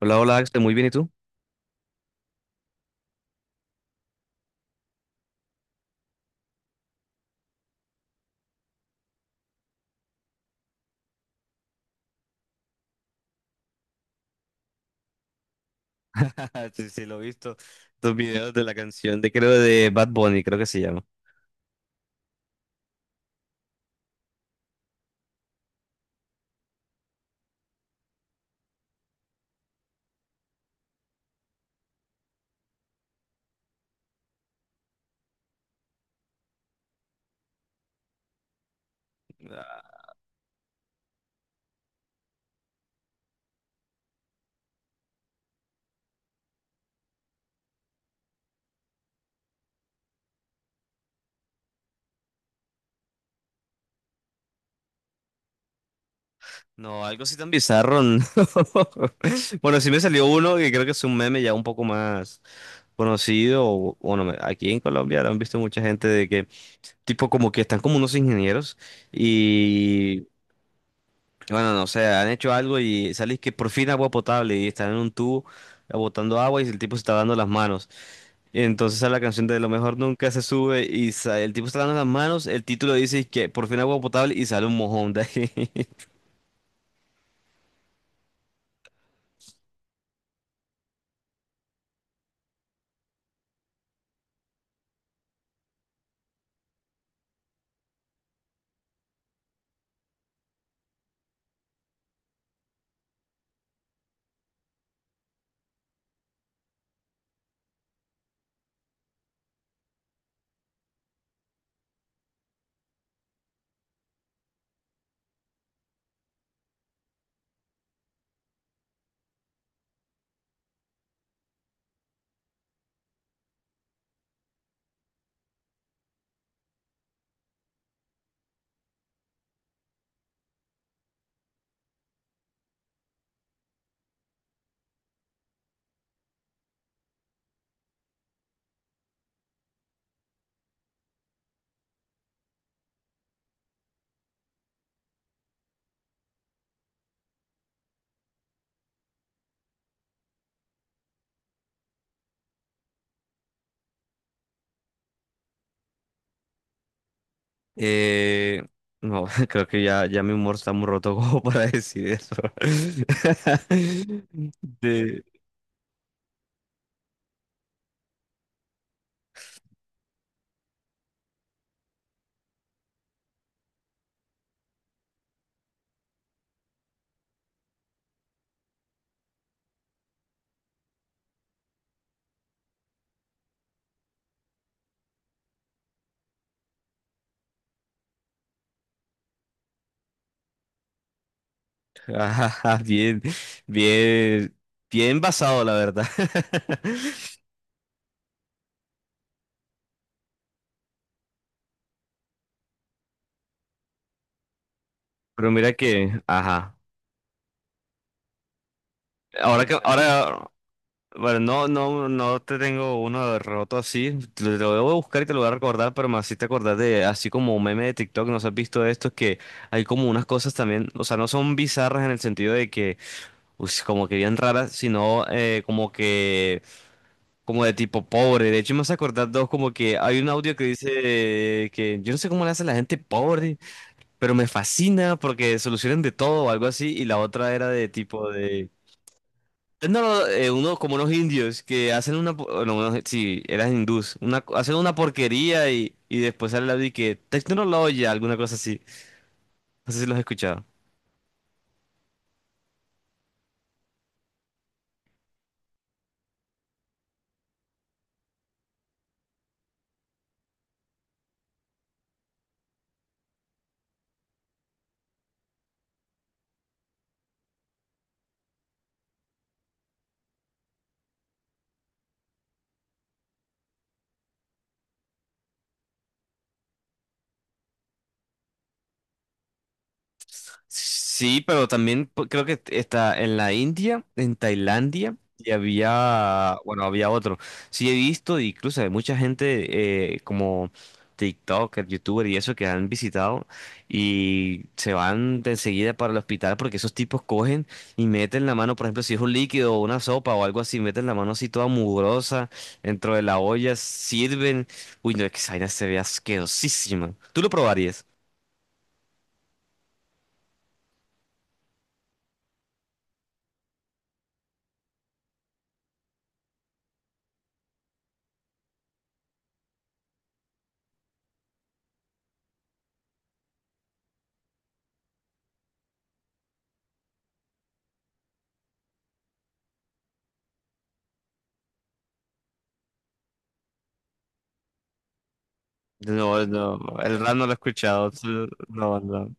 Hola, hola Axel, muy bien, ¿y tú? Sí, sí, lo he visto. Los videos de la canción de, creo, de Bad Bunny, creo que se llama. Ah, no, algo así tan bizarro, no. Bueno, sí me salió uno que creo que es un meme ya un poco más conocido. Bueno, aquí en Colombia lo han visto mucha gente de que, tipo, como que están como unos ingenieros. Bueno, no sé, han hecho algo y salís que por fin agua potable, y están en un tubo botando agua y el tipo se está dando las manos. Y entonces a la canción de Lo mejor nunca se sube y el tipo está dando las manos, el título dice que por fin agua potable y sale un mojón de ahí. Eh, no, creo que ya mi humor está muy roto como para decir eso. De- ajá, bien, bien, bien basado, la verdad. Pero mira que, ajá. Ahora que, ahora, bueno, no, no, no te tengo uno roto así. Te lo debo buscar y te lo voy a recordar, pero me hiciste acordar de, así como un meme de TikTok, ¿no has visto esto? Que hay como unas cosas también, o sea, no son bizarras en el sentido de que, uy, como que bien raras, sino como que, como de tipo pobre. De hecho, me hace acordar dos, como que hay un audio que dice que yo no sé cómo le hace la gente pobre, pero me fascina porque solucionan de todo o algo así. Y la otra era de tipo de… No, no, uno como unos indios que hacen una, no, sí, eran hindús, una, hacen una porquería y después sale la de que tecnología, alguna cosa así. No sé si los he escuchado. Sí, pero también creo que está en la India, en Tailandia, y había, bueno, había otro. Sí, he visto, incluso hay mucha gente como TikToker, YouTuber y eso que han visitado y se van de enseguida para el hospital porque esos tipos cogen y meten la mano, por ejemplo, si es un líquido o una sopa o algo así, meten la mano así toda mugrosa dentro de la olla, sirven. Uy, no, es que esa vaina se ve asquerosísima. ¿Tú lo probarías? No, no, el rap no lo he escuchado. No, no.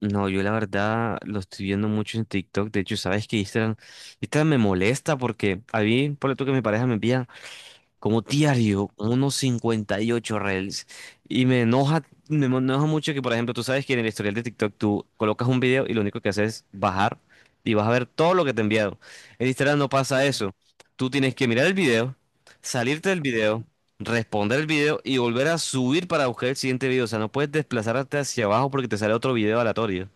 No, yo la verdad lo estoy viendo mucho en TikTok. De hecho, sabes que Instagram me molesta porque a mí, por tú que mi pareja me envía, como diario, como unos 58 reels. Y me enoja mucho que, por ejemplo, tú sabes que en el historial de TikTok tú colocas un video y lo único que haces es bajar y vas a ver todo lo que te he enviado. En Instagram no pasa eso. Tú tienes que mirar el video, salirte del video, responder el video y volver a subir para buscar el siguiente video. O sea, no puedes desplazarte hacia abajo porque te sale otro video aleatorio.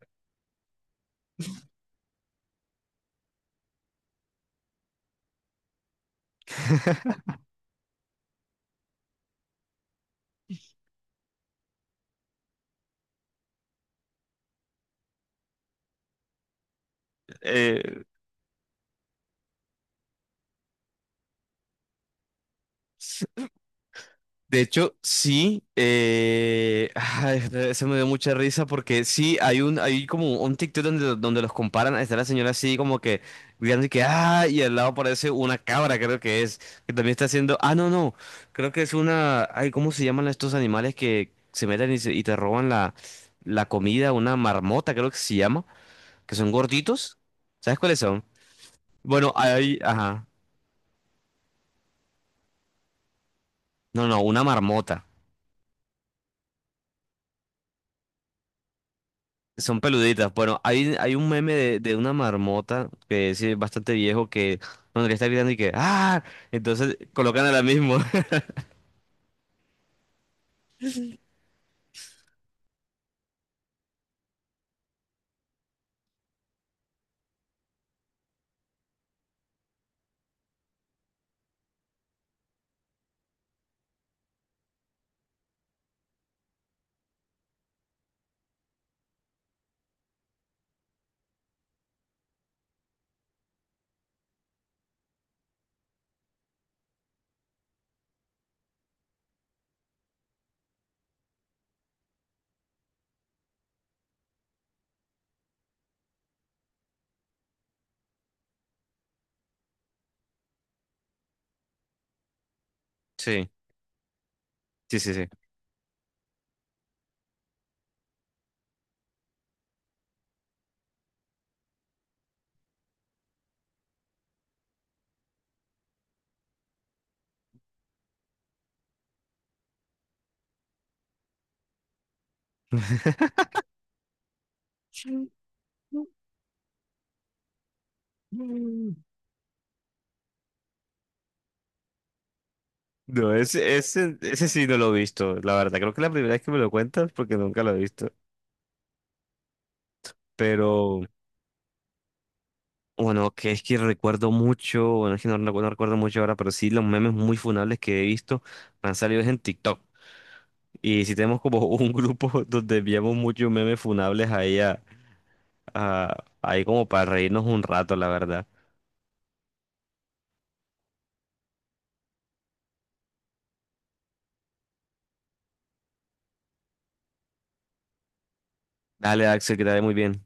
Eh, De hecho, sí, ay, se me dio mucha risa porque sí, hay un, hay como un TikTok donde, donde los comparan, está la señora así como que gritando y que, ah, y al lado aparece una cabra, creo que es, que también está haciendo, ah, no, no, creo que es una, ay, ¿cómo se llaman estos animales que se meten y, y te roban la, la comida? Una marmota, creo que se llama, que son gorditos, ¿sabes cuáles son? Bueno, hay, ajá, no, no, una marmota. Son peluditas. Bueno, hay un meme de una marmota que es bastante viejo que cuando le está gritando y que ¡Ah! Entonces colocan a la misma. Sí, sí, sí, sí. No, ese sí no lo he visto, la verdad. Creo que la primera vez que me lo cuentas porque nunca lo he visto. Pero bueno, que es que recuerdo mucho, bueno, es que no, no recuerdo mucho ahora, pero sí los memes muy funables que he visto me han salido es en TikTok. Y sí tenemos como un grupo donde enviamos muchos memes funables ahí, ah, ahí como para reírnos un rato, la verdad. Dale, Axel, que te vaya muy bien.